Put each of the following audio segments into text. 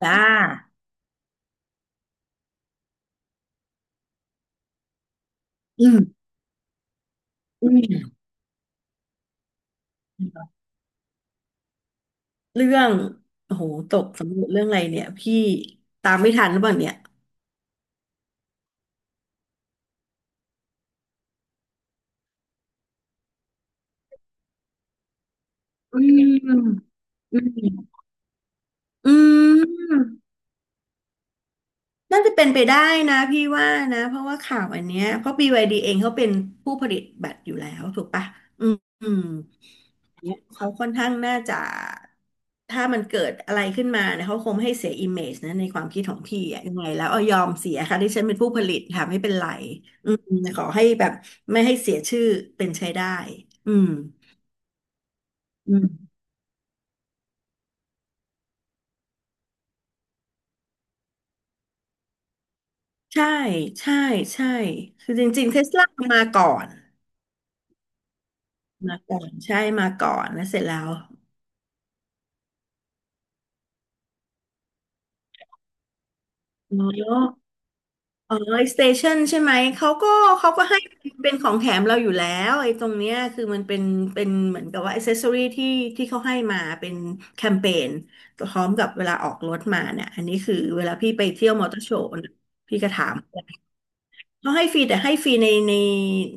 จ้าอืมอืม เรื่อง โอ้โห ตกสำรวจเรื่องอะไรเนี่ย พี่ตามไม่ทันหรือเปล่าเนี่ย อืม อืมอืม น่าจะเป็นไปได้นะพี่ว่านะเพราะว่าข่าวอันเนี้ยเพราะ b y ีเองเขาเป็นผู้ผลิตบัตรอยู่แล้วถูกปะอืมอืมเนี่ยเขาค่อนข้างน่าจะถ้ามันเกิดอะไรขึ้นมาเนี่ยเขาคงไม่ให้เสียอิมเมจนะในความคิดของพี่อะยังไงแล้วเอายอมเสียค่ะที่ฉันเป็นผู้ผลิตค่ะไม่เป็นไรอืมขอให้แบบไม่ให้เสียชื่อเป็นใช้ได้อืมอืมใช่ใช่ใช่คือจริงๆเทสลามาก่อนมาก่อนใช่มาก่อนแล้วเสร็จแล้ว อ๋ออ๋อไอสเตชันใช่ไหมเขาก็เขาก็ให้เป็นของแถมเราอยู่แล้วไอ้ตรงเนี้ยคือมันเป็นเป็นเหมือนกับว่าอ c เซสซอรี่ที่ที่เขาให้มาเป็นแคมเปญพร้อมกับเวลาออกรถมาเนี่ยอันนี้คือเวลาพี่ไปเที่ยวมอเตอร์โชว์พี่ก็ถาม เขาให้ฟรีแต่ให้ฟรีในใน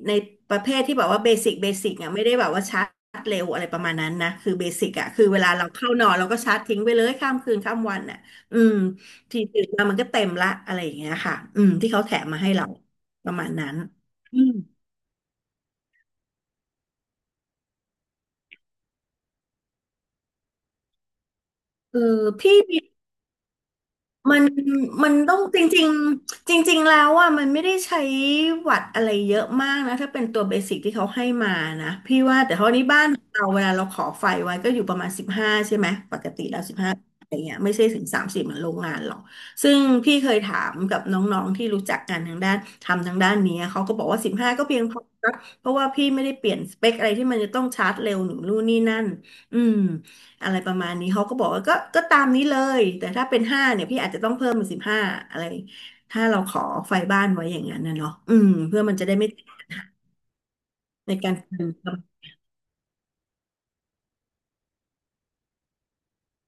ในประเภทที่แบบว่าเบสิกเบสิกอ่ะไม่ได้แบบว่าชาร์จเร็วอะไรประมาณนั้นนะคือเบสิกอ่ะคือเวลาเราเข้านอนเราก็ชาร์จทิ้งไปเลยข้ามคืนข้ามวันอ่ะอืมทีตื่นมามันก็เต็มละอะไรอย่างเงี้ยค่ะอืมที่เขาแถมมาให้เราประมาณนั้นอืมเออพี่มี มันมันต้องจริงๆแล้วอ่ะมันไม่ได้ใช้วัดอะไรเยอะมากนะถ้าเป็นตัวเบสิกที่เขาให้มานะพี่ว่าแต่เท่านี้บ้านเราเวลาเราขอไฟไว้ก็อยู่ประมาณสิบห้าใช่ไหมปกติแล้วสิบห้าอะไรเงี้ยไม่ใช่ถึงสามสิบเหมือนโรงงานหรอกซึ่งพี่เคยถามกับน้องๆที่รู้จักกันทางด้านทำทางด้านนี้เขาก็บอกว่าสิบห้าก็เพียงพอนะเพราะว่าพี่ไม่ได้เปลี่ยนสเปคอะไรที่มันจะต้องชาร์จเร็วหนูนู่นนี่นั่นอืม อะไรประมาณนี้เขาก็บอกว่าก็ตามนี้เลยแต่ถ้าเป็นห้าเนี่ยพี่อาจจะต้องเพิ่มเป็นสิบห้าอะไรถ้าเราขอไฟบ้านไว้อย่างนั้นนะเนาะอืมเพื่อมันจะได้ไม่ในการเติม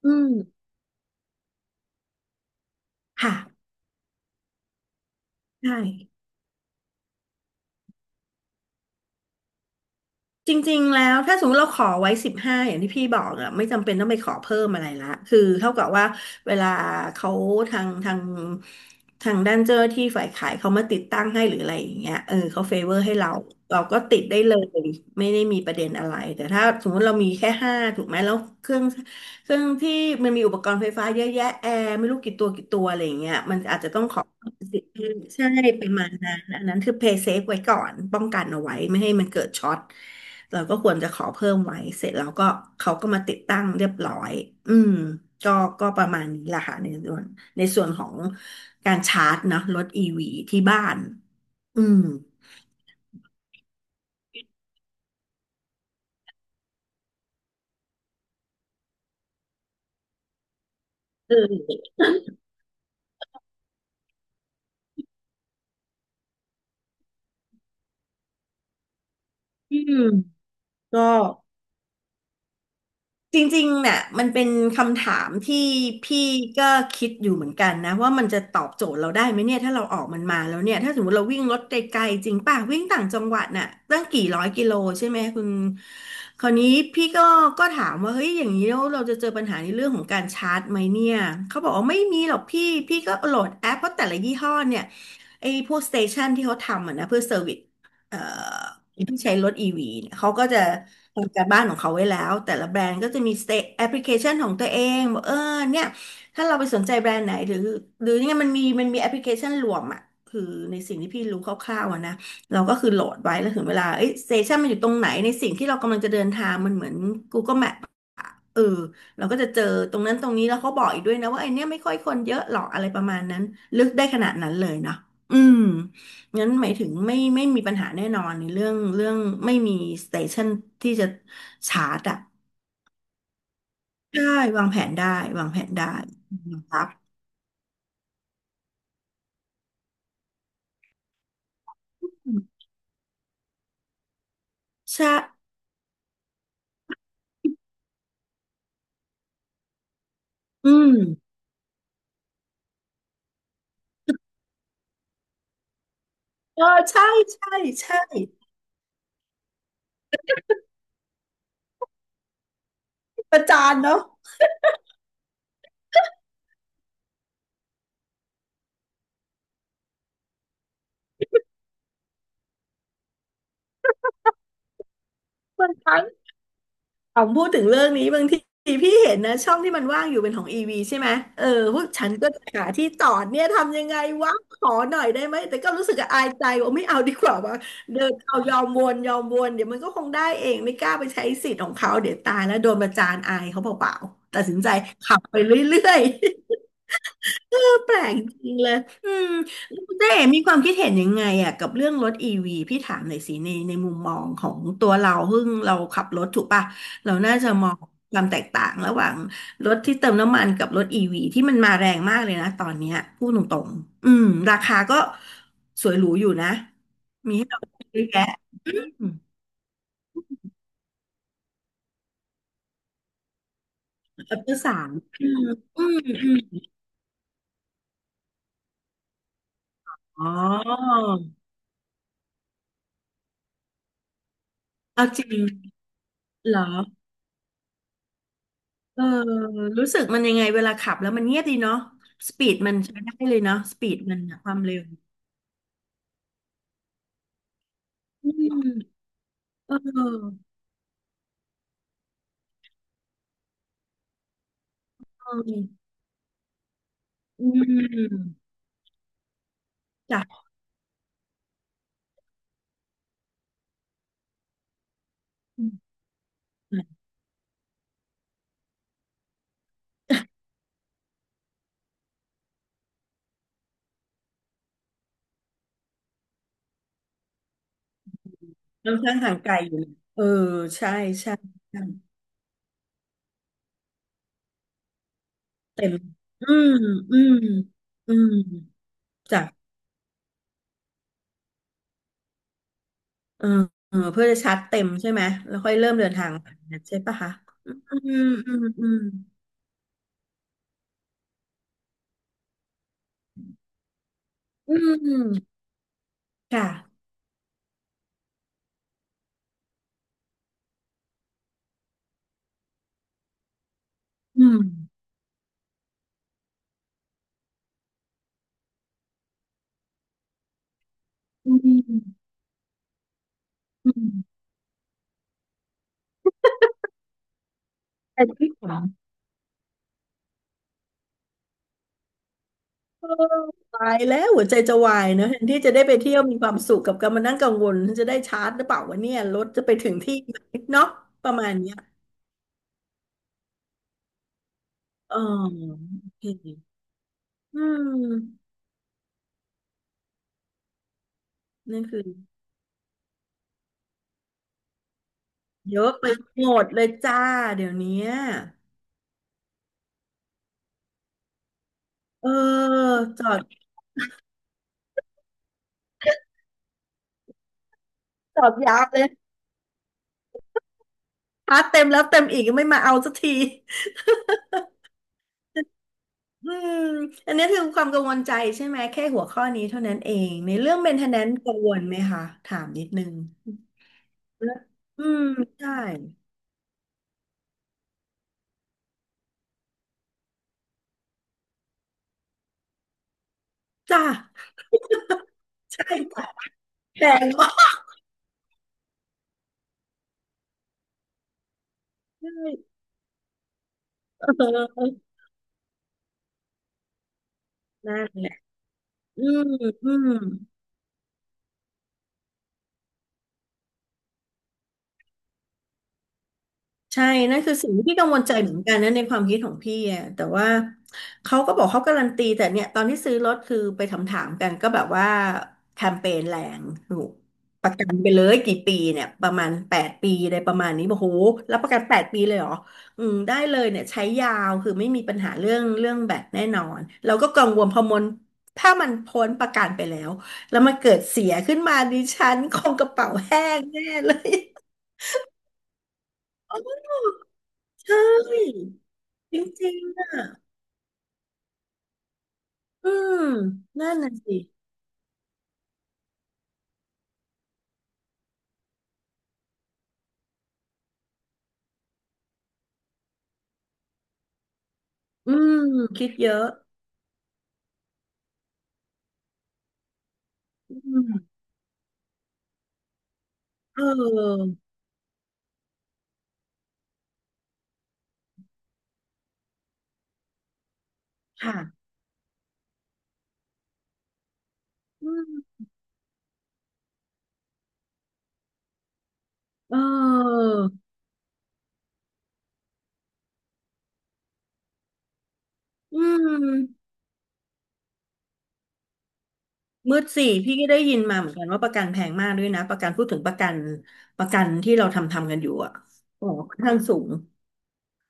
อืมค่ะใช่ จริงๆแล้วถ้าสมมติเราขอไว้สิบห้าอย่างที่พี่บอกอะไม่จำเป็นต้องไปขอเพิ่มอะไรละคือเท่ากับว่าเวลาเขาทางทางทางด้านเจ้าหน้าที่ฝ่ายขายเขามาติดตั้งให้หรืออะไรอย่างเงี้ยเออเขาเฟเวอร์ให้เราเราก็ติดได้เลยไม่ได้มีประเด็นอะไรแต่ถ้าสมมติเรามีแค่ห้าถูกไหมแล้วเครื่องเครื่องที่มันมีอุปกรณ์ไฟฟ้าเยอะแยะแอร์ไม่รู้กี่ตัวกี่ตัวอะไรอย่างเงี้ยมันอาจจะต้องขอ ใช่ประมาณนั้นอันนั้นคือ pay safe ไว้ก่อนป้องกันเอาไว้ไม่ให้มันเกิดช็อตเราก็ควรจะขอเพิ่มไว้ เสร็จแล้วก็เขาก็มาติดตั้งเรียบร้อย อืมก็ก็ประมาณนี้แหละค่ะในส่วนของการชาร์จเนาะรถอีวีที่บ้าน อืมเอออืมก็ จริงๆเนี่ยมันเป็นคำถามที่พี่ก็คิดอยู่เหมือนกันนะว่ามันจะตอบโจทย์เราได้ไหมเนี่ยถ้าเราออกมันมาแล้วเนี่ยถ้าสมมติเราวิ่งรถไกลๆจริงป่ะวิ่งต่างจังหวัดน่ะตั้งกี่ร้อยกิโลใช่ไหมคุณคราวนี้พี่ก็ก็ถามว่าเฮ้ยอย่างนี้แล้วเราจะเจอปัญหาในเรื่องของการชาร์จไหมเนี่ยเขาบอกว่าไม่มีหรอกพี่พี่ก็โหลดแอปเพราะแต่ละยี่ห้อเนี่ยไอ้พวกสเตชันที่เขาทำอะนะเพื่อเซอร์วิส เอ่อที่ใช้รถ EV เนี่ยเขาก็จะทำการบ้านของเขาไว้แล้วแต่ละแบรนด์ก็จะมีสเตแอปพลิเคชันของตัวเองบอกเออเนี่ยถ้าเราไปสนใจแบรนด์ไหนหรือหรือเนี่ยมันมีมันมีแอปพลิเคชันรวมอ่ะคือในสิ่งที่พี่รู้คร่าวๆอะนะเราก็คือโหลดไว้แล้วถึงเวลาเอ้ยสเตชันมันอยู่ตรงไหนในสิ่งที่เรากำลังจะเดินทางมันเหมือน Google Map เออเราก็จะเจอตรงนั้นตรงนี้แล้วเขาบอกอีกด้วยนะว่าไอเนี้ยไม่ค่อยคนเยอะหรอกอะไรประมาณนั้นลึกได้ขนาดนั้นเลยนะอืมงั้นหมายถึงไม่มีปัญหาแน่นอนในเรื่องไม่มีสเตชันที่จะชาร์จอ่ะใช่วางแผนได้วางแผนได้นะครับใช่อืมเออใช่ใช่ใช่ประจานเนาะมันทั้ง ผมพูดถึงเรื่องนี้บางทีพี่เห็นนะช่องที่มันว่างอยู่เป็นของอีวีใช่ไหมเออพวกฉันก็จะหาที่ต่อเนี่ยทำยังไงวะขอหน่อยได้ไหมแต่ก็รู้สึกอายใจว่าไม่เอาดีกว่าว่าเดินเอายอมวนยอมวนเดี๋ยวมันก็คงได้เองไม่กล้าไปใช้สิทธิ์ของเขาเดี๋ยวตายแล้วโดนประจานอายเขาเปล่าๆตัดสินใจขับไปเรื่อย แปลกจริงเลยอืมแล้วคุณเจ๊มีความคิดเห็นยังไงอ่ะกับเรื่องรถอีวีพี่ถามหน่อยสิในมุมมองของตัวเราซึ่งเราขับรถถูกป่ะเราน่าจะมองความแตกต่างระหว่างรถที่เติมน้ำมันกับรถอีวีที่มันมาแรงมากเลยนะตอนเนี้ยพูดตรงๆอืมราคาก็สวยหรูอยู่นะมีให้เราเยอะแยะอืมอัพเดสามอืมอืมอืมอ๋อเอาจริงเหรอ เออรู้สึกมันยังไงเวลาขับแล้วมันเงียบดีเนาะสปีดมันใช้ได้เลยเนาะสปีดมันอะความเร็วอืมเออเอออืมจ้ะอืมค่อนข้างห่างไกลอยู่นะเออใช่ใช่ ใช่ เต็มอืมอืมอืมจ้ะเออเออเพื่อจะชาร์จเต็มใช่ไหมแล้วค่อยเริ่มเดินทางนะใช่ปะคะอืมอืมอืมอืมค่ะอืมอืมอืมแต่ที่ผม เออตายแล้วหัวใจจะวายเนอะแทนที่จะได้ไปเที่ยวมีความสุขกับการมานั่งกังวลฉันจะได้ชาร์จหรือเปล่าวะเนี่ยรถจะไปถึงที่ไหมเนาะประมาณเนี้ยอ๋อโอเคอืมนั่นคือเยอะไปหมดเลยจ้าเดี๋ยวเนี้ยเออจอดจอดยาวเลยชาร์จเต็มแล้วเต็มอีกยังไม่มาเอาสักทีอืมอันนี้คือความกังวลใจใช่ไหมแค่หัวข้อนี้เท่านั้นเองในเรื่อง maintenance กังวลไหมคะถามนิดนึง นะอืมใช่จ้าใช่จ้ะแพงมากใช่เออนั่นแหละอืมอืม ใช่นั่นคือสิ่งที่พี่กังวลใจเหมือนกันนะในความคิดของพี่อะแต่ว่าเขาก็บอกเขาการันตีแต่เนี่ยตอนที่ซื้อรถคือไปถามกันก็แบบว่าแคมเปญแรงถูกประกันไปเลยกี่ปีเนี่ยประมาณแปดปีอะไรประมาณนี้บอกโหรับประกันแปดปีเลยเหรออืมได้เลยเนี่ยใช้ยาวคือไม่มีปัญหาเรื่องเรื่องแบตแน่นอนเราก็กังวลพอมันถ้ามันพ้นประกันไปแล้วแล้วมันเกิดเสียขึ้นมาดิฉันคงกระเป๋าแห้งแน่เลย ใช่ จริงๆอ่ะอืมนั่นน่ะสิอืมคิดเยอะอืมเออค่ะอืมเอออืมมืดสี่พี่ก็ได้ยินมาเหมือนกันว่าประกันแพงมากด้วยนะประกันพูดถึงประกันประกันที่เราทำกันอยู่อ่ะโอ้ค่อนข้างสูง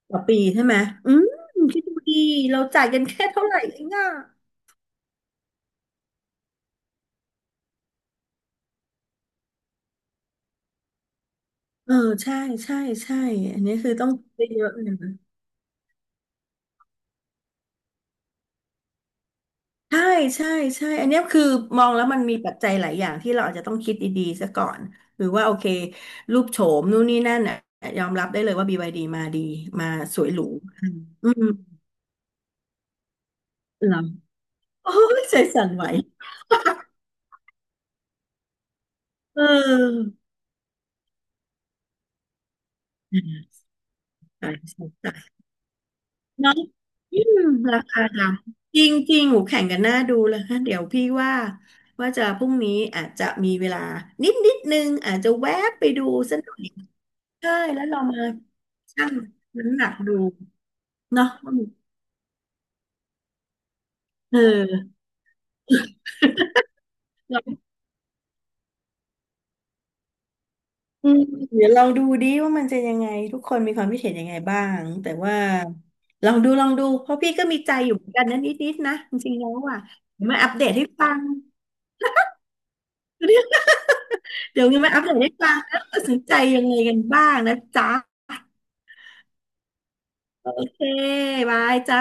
ต่อปีใช่ไหมอืมคิดดูดีเราจ่ายกันแค่เท่าไหร่เองอ่ะเออใช่ใช่ใช่อันนี้คือต้องคิดเยอะเลย ใช่ใช่ใช่ อันเนี้ยคือมองแล้วมันมีปัจจัยหลายอย่างที่เราอาจจะต้องคิดดีๆซะก่อน หรือว่าโอเครูปโฉมนู่นนี่นั่นน่ะยอมรับได้เลยว่า BYD มาดีมาสวยหรูอืมอืเหรอ โอ้ยใจสั่นไหว เอออืาสนใจเน้องอืมราคาดังจริงจริงหูแข่งกันหน้าดูเลยฮะเดี๋ยวพี่ว่าว่าจะพรุ่งนี้อาจจะมีเวลานิดนึงอาจจะแวะไปดูสักหน่อย ใช่แล้วเรามาชั่งน้ำหนักดูเนาะว่ามันเออเราอืมเดี๋ยวเรงดูดิว่ามันจะยังไงทุกคนมีความคิดเห็นยังไงบ้างแต่ว่าลองดูลองดูเพราะพี่ก็มีใจอยู่เหมือนกันนะนิดๆนะจริงๆแล้วอ่ะเดี๋ยวมาอัปเดตให้ฟังเดี๋ยวมาอัปเดตให้ฟังแล้วตัดสินใจยังไงกันบ้างนะจ๊ะโอเคบายจ้า